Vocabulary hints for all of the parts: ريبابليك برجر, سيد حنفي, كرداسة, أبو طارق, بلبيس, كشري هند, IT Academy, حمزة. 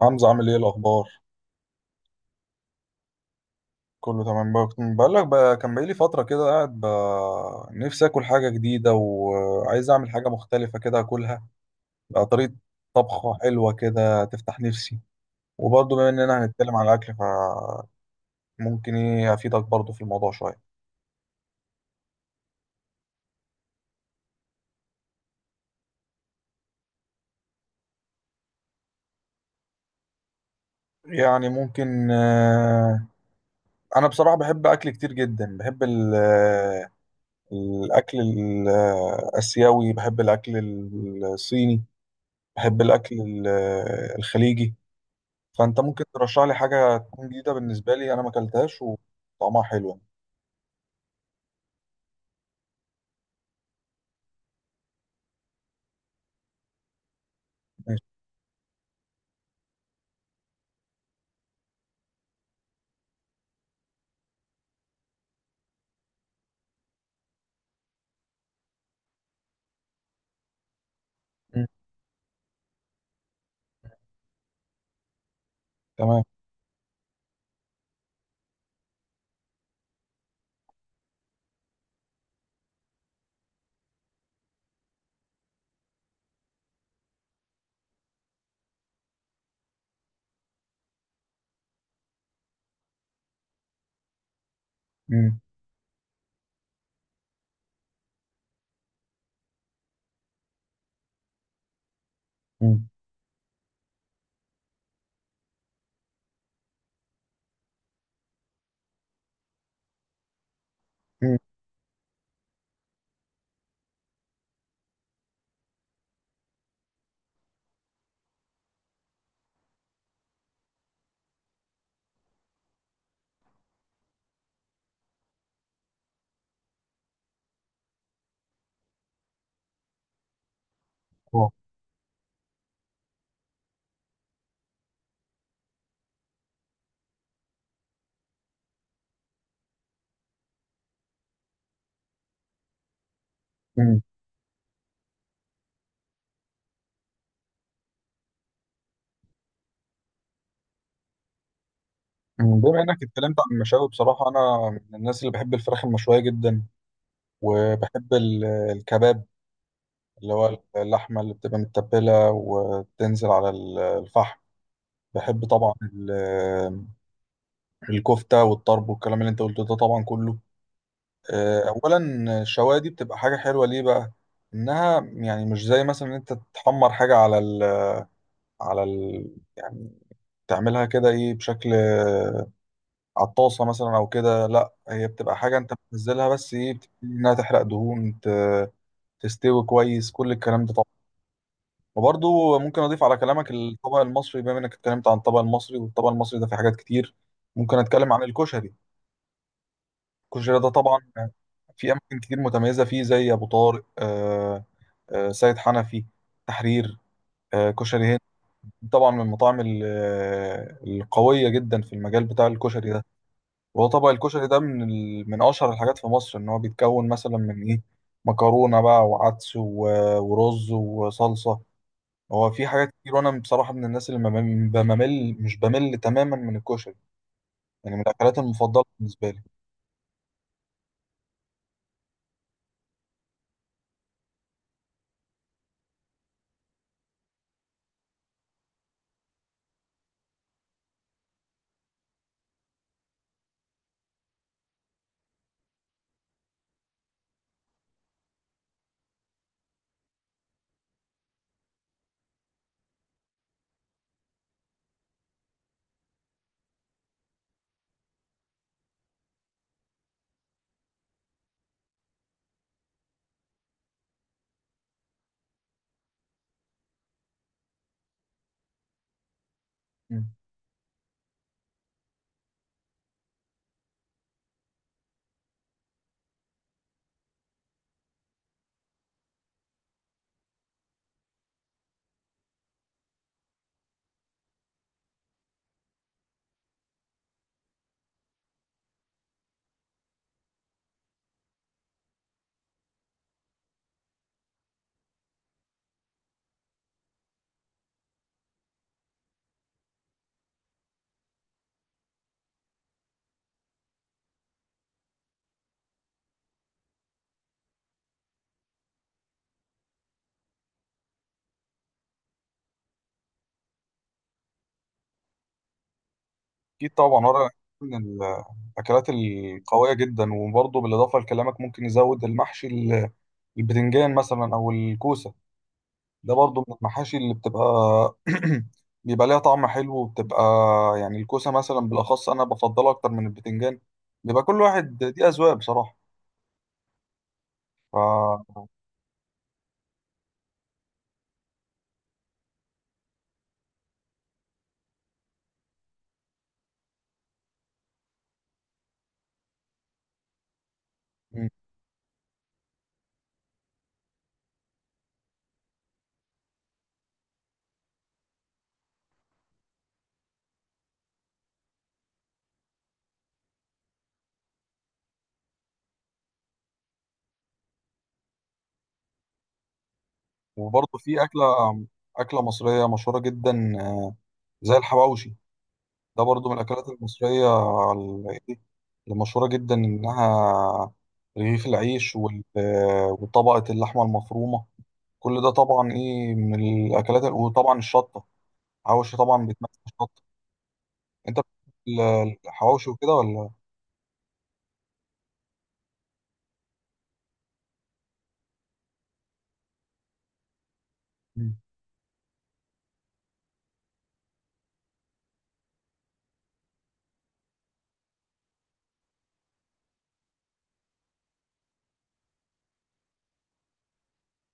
حمزة عامل ايه الأخبار؟ كله تمام بقى، كنت بقول لك بقى كان بقالي فترة كده قاعد بقى نفسي آكل حاجة جديدة وعايز أعمل حاجة مختلفة كده آكلها، بقى طريقة طبخة حلوة كده تفتح نفسي. وبرضه بما إننا هنتكلم على الأكل فممكن إيه أفيدك برضه في الموضوع شوية. يعني ممكن، أنا بصراحة بحب أكل كتير جدا، بحب الأكل الآسيوي، بحب الأكل الصيني، بحب الأكل الخليجي. فانت ممكن ترشح لي حاجه تكون جديده بالنسبه لي انا ما اكلتهاش وطعمها حلو يعني. ماشي. مم. تمام. مم. مم. مم. آه. مم. مم. بما انك اتكلمت عن المشاوي، بصراحه انا من الناس اللي بحب الفراخ المشويه جدا، وبحب الكباب اللي هو اللحمه اللي بتبقى متبله وتنزل على الفحم. بحب طبعا الكفته والطرب والكلام اللي انت قلته ده طبعا كله. اولا الشوايه دي بتبقى حاجه حلوه ليه بقى؟ انها يعني مش زي مثلا ان انت تحمر حاجه على ال على ال يعني تعملها كده ايه بشكل، على الطاسه مثلا او كده. لا، هي بتبقى حاجه انت بتنزلها بس ايه، بتبتدي انها تحرق دهون، تستوي كويس، كل الكلام ده طبعا. وبرضه ممكن اضيف على كلامك الطبق المصري. بما انك اتكلمت عن الطبق المصري، والطبق المصري ده في حاجات كتير. ممكن اتكلم عن الكشري. الكشري ده طبعا في اماكن كتير متميزه فيه، زي ابو طارق، سيد حنفي، تحرير، كشري هند، طبعا من المطاعم القوية جدا في المجال بتاع الكشري ده. وهو طبق الكشري ده من أشهر الحاجات في مصر، إن هو بيتكون مثلا من إيه، مكرونة بقى وعدس ورز وصلصة. هو في حاجات كتير، وأنا بصراحة من الناس اللي ما بمل، مش بمل تماما من الكشري، يعني من الأكلات المفضلة بالنسبة لي. مم. أكيد طبعا ورق، من الأكلات القوية جدا. وبرضه بالإضافة لكلامك ممكن نزود المحشي البتنجان مثلا او الكوسه. ده برضو من المحاشي اللي بيبقى ليها طعم حلو وبتبقى، يعني الكوسه مثلا بالاخص انا بفضلها اكتر من البتنجان. بيبقى كل واحد، دي اذواق بصراحه. ف م. وبرضو في اكله مصريه مشهوره جدا زي الحواوشي. ده برضو من الاكلات المصريه، ال- اللي مشهوره جدا انها رغيف العيش وطبقه اللحمه المفرومه، كل ده طبعا ايه من الاكلات، وطبعا الشطه. حواوشي طبعا بتمثل شط. انت بتحب الحواوشي وكده ولا؟ مم.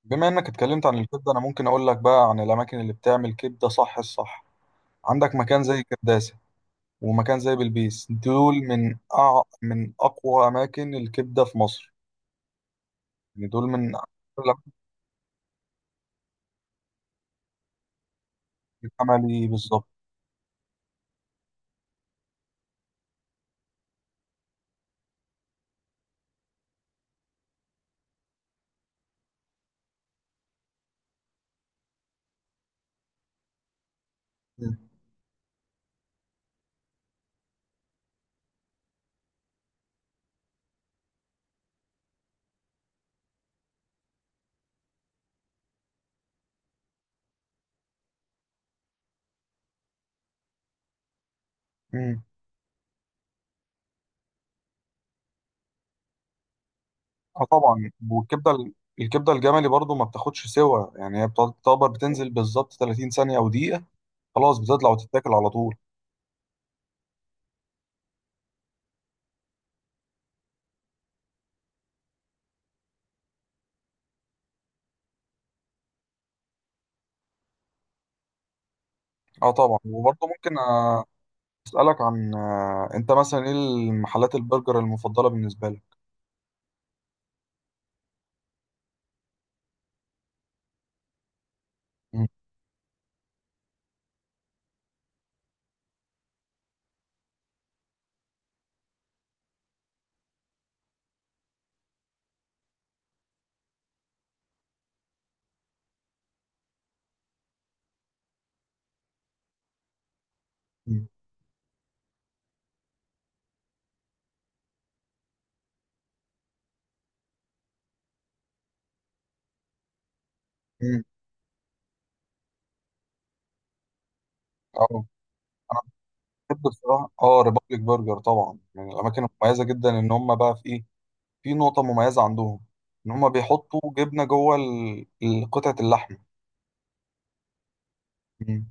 بما انك اتكلمت عن الكبده، انا ممكن اقول لك بقى عن الاماكن اللي بتعمل كبده صح الصح. عندك مكان زي كرداسه ومكان زي بلبيس، دول من اقوى اماكن الكبده في مصر. يعني دول من أقوى الأماكن. الجملي بالظبط. مم. مم. اه طبعا. والكبده ال- الكبده الجملي برضو ما بتاخدش سوا، يعني هي بتعتبر بتنزل بالظبط 30 ثانيه او دقيقه، خلاص بتطلع وتتاكل على طول. اه طبعا. وبرضه ممكن أسألك عن، أنت مثلا، إيه المحلات البرجر المفضلة بالنسبة لك؟ مم. مم. مم. أه. أنا بحب بصراحة ريبابليك برجر، طبعا من الأماكن المميزة جدا، إن هم بقى في إيه؟ في نقطة مميزة عندهم، إن هم بيحطوا جبنة جوه قطعة اللحمة. مم.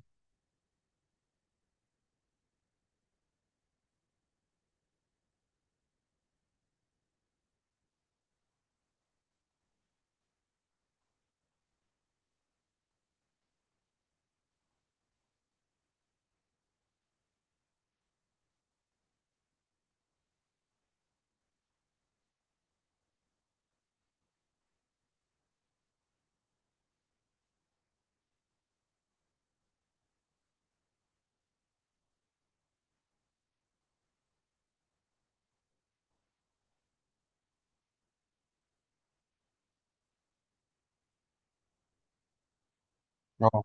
أه.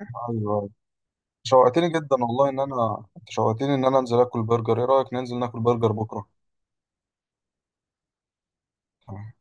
أيوه. أيوه. شوقتني جدا والله، إن أنا أنت شوقتني إن أنا أنزل آكل برجر. إيه رأيك ننزل ناكل برجر بكرة؟